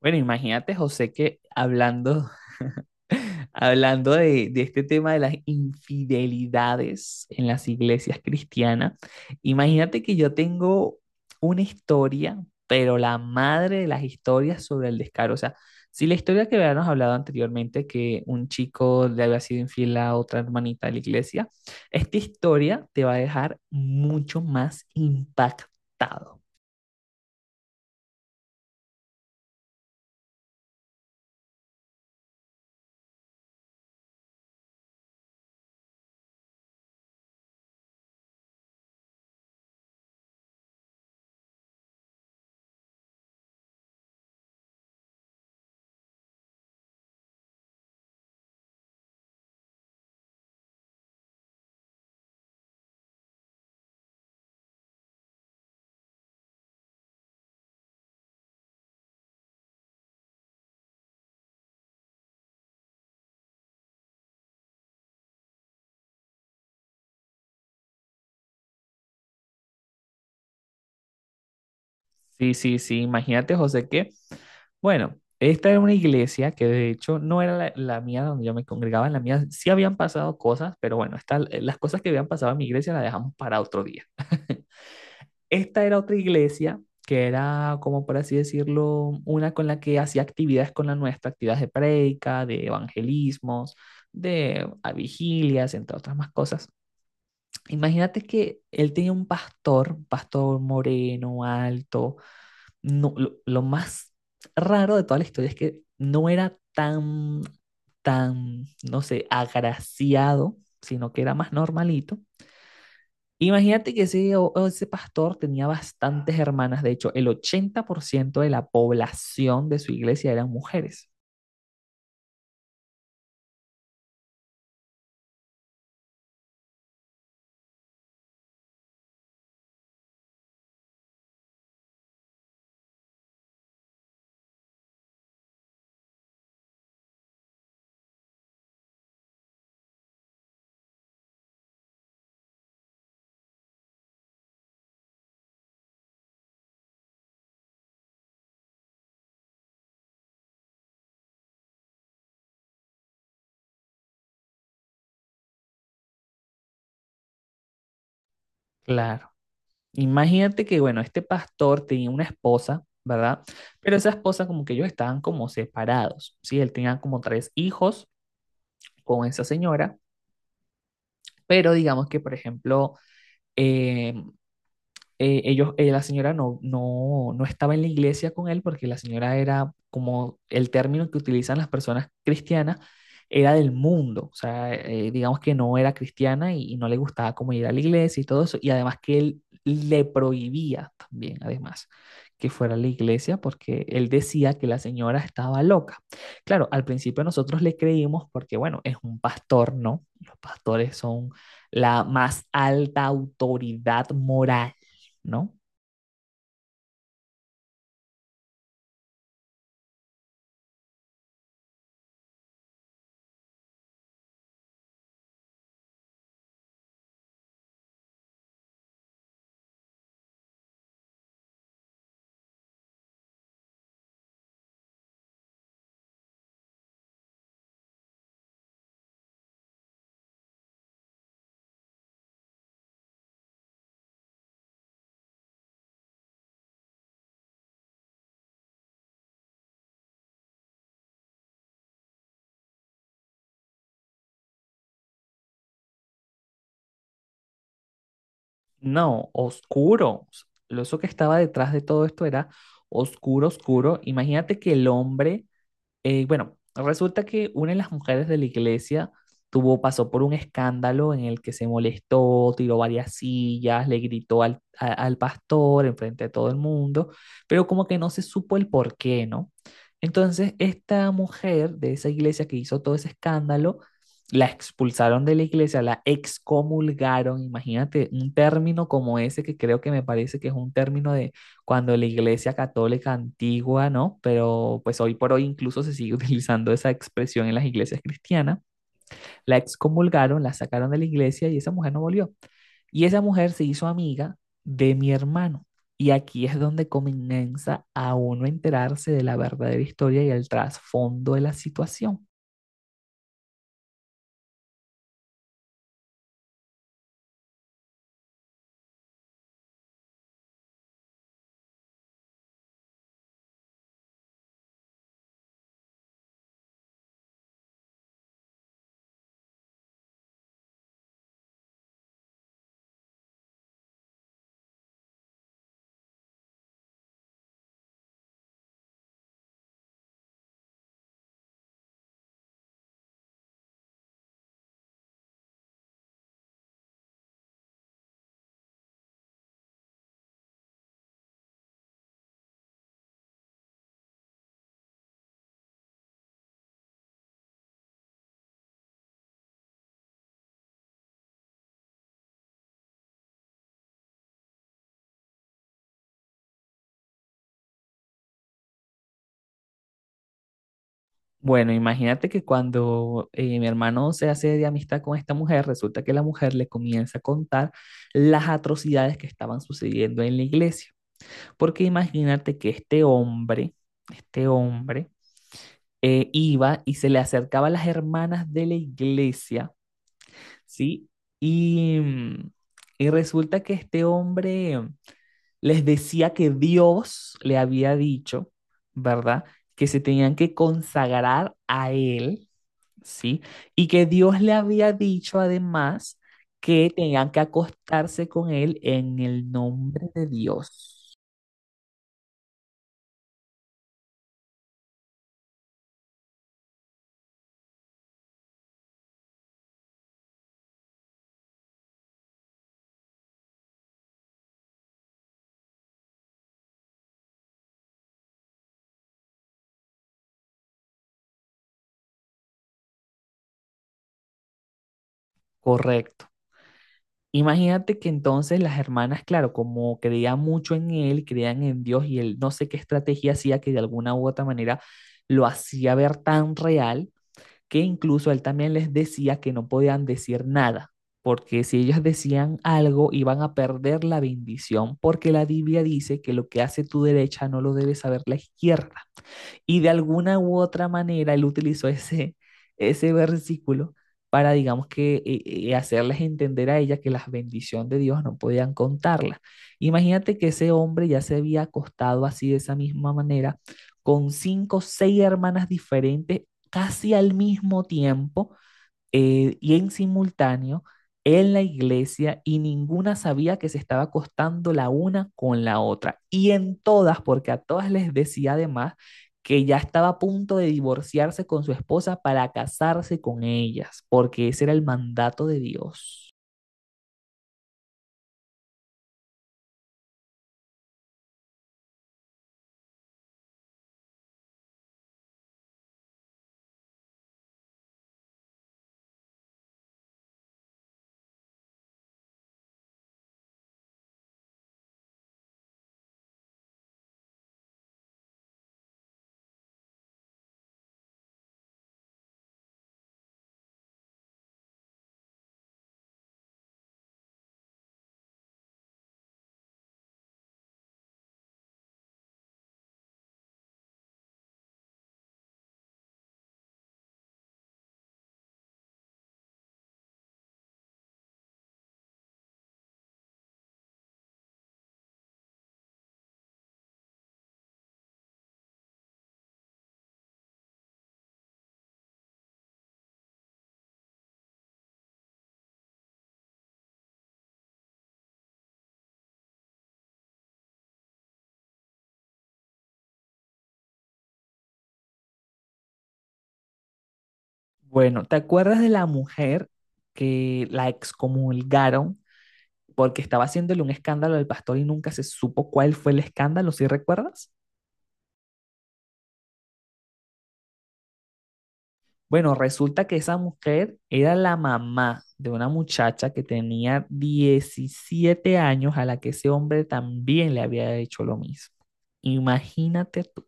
Bueno, imagínate, José, que hablando, hablando de este tema de las infidelidades en las iglesias cristianas, imagínate que yo tengo una historia, pero la madre de las historias sobre el descaro. O sea, si la historia que habíamos hablado anteriormente, que un chico le había sido infiel a otra hermanita de la iglesia, esta historia te va a dejar mucho más impactado. Sí, sí, sí, imagínate, José, que, bueno, esta era una iglesia que de hecho no era la mía donde yo me congregaba, en la mía sí habían pasado cosas, pero bueno, las cosas que habían pasado en mi iglesia las dejamos para otro día. Esta era otra iglesia que era, como por así decirlo, una con la que hacía actividades con la nuestra, actividades de prédica, de evangelismos, de vigilias, entre otras más cosas. Imagínate que él tenía un pastor moreno, alto, no, lo más raro de toda la historia es que no era tan, no sé, agraciado, sino que era más normalito. Imagínate que ese, o ese pastor tenía bastantes hermanas, de hecho, el 80% de la población de su iglesia eran mujeres. Claro. Imagínate que, bueno, este pastor tenía una esposa, ¿verdad? Pero esa esposa como que ellos estaban como separados, ¿sí? Él tenía como tres hijos con esa señora, pero digamos que, por ejemplo, eh, la señora no estaba en la iglesia con él porque la señora era como el término que utilizan las personas cristianas, era del mundo, o sea, digamos que no era cristiana y no le gustaba como ir a la iglesia y todo eso, y además que él le prohibía también, además, que fuera a la iglesia porque él decía que la señora estaba loca. Claro, al principio nosotros le creímos porque, bueno, es un pastor, ¿no? Los pastores son la más alta autoridad moral. No, no, oscuro. Lo eso que estaba detrás de todo esto era oscuro, oscuro. Imagínate que el hombre. Bueno, resulta que una de las mujeres de la iglesia tuvo, pasó por un escándalo en el que se molestó, tiró varias sillas, le gritó al pastor enfrente de todo el mundo, pero como que no se supo el por qué, ¿no? Entonces, esta mujer de esa iglesia que hizo todo ese escándalo, la expulsaron de la iglesia, la excomulgaron, imagínate, un término como ese que creo que me parece que es un término de cuando la Iglesia Católica antigua, ¿no? Pero pues hoy por hoy incluso se sigue utilizando esa expresión en las iglesias cristianas, la excomulgaron, la sacaron de la iglesia y esa mujer no volvió. Y esa mujer se hizo amiga de mi hermano. Y aquí es donde comienza a uno enterarse de la verdadera historia y el trasfondo de la situación. Bueno, imagínate que cuando mi hermano se hace de amistad con esta mujer, resulta que la mujer le comienza a contar las atrocidades que estaban sucediendo en la iglesia. Porque imagínate que este hombre, iba y se le acercaba a las hermanas de la iglesia, ¿sí? Y, mm, y resulta que este hombre les decía que Dios le había dicho, ¿verdad? Que se tenían que consagrar a él, ¿sí? Y que Dios le había dicho además que tenían que acostarse con él en el nombre de Dios. Correcto. Imagínate que entonces las hermanas, claro, como creían mucho en él, creían en Dios y él no sé qué estrategia hacía que de alguna u otra manera lo hacía ver tan real que incluso él también les decía que no podían decir nada, porque si ellas decían algo iban a perder la bendición, porque la Biblia dice que lo que hace tu derecha no lo debe saber la izquierda. Y de alguna u otra manera él utilizó ese versículo para, digamos que, hacerles entender a ella que las bendiciones de Dios no podían contarlas. Imagínate que ese hombre ya se había acostado así de esa misma manera con cinco o seis hermanas diferentes casi al mismo tiempo, y en simultáneo en la iglesia, y ninguna sabía que se estaba acostando la una con la otra. Y en todas, porque a todas les decía además que ya estaba a punto de divorciarse con su esposa para casarse con ellas, porque ese era el mandato de Dios. Bueno, ¿te acuerdas de la mujer que la excomulgaron porque estaba haciéndole un escándalo al pastor y nunca se supo cuál fue el escándalo, si recuerdas? Bueno, resulta que esa mujer era la mamá de una muchacha que tenía 17 años a la que ese hombre también le había hecho lo mismo. Imagínate tú.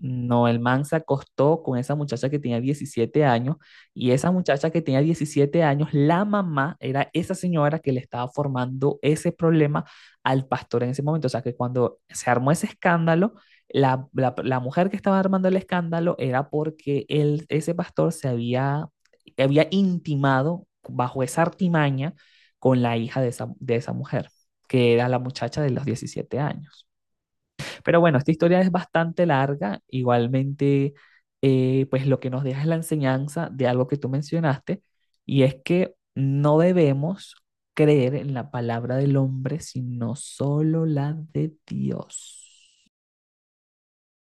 No, el man se acostó con esa muchacha que tenía 17 años, y esa muchacha que tenía 17 años, la mamá era esa señora que le estaba formando ese problema al pastor en ese momento. O sea que cuando se armó ese escándalo, la mujer que estaba armando el escándalo era porque él, ese pastor se había, había intimado bajo esa artimaña con la hija de esa mujer, que era la muchacha de los 17 años. Pero bueno, esta historia es bastante larga. Igualmente, pues lo que nos deja es la enseñanza de algo que tú mencionaste, y es que no debemos creer en la palabra del hombre, sino solo la de Dios.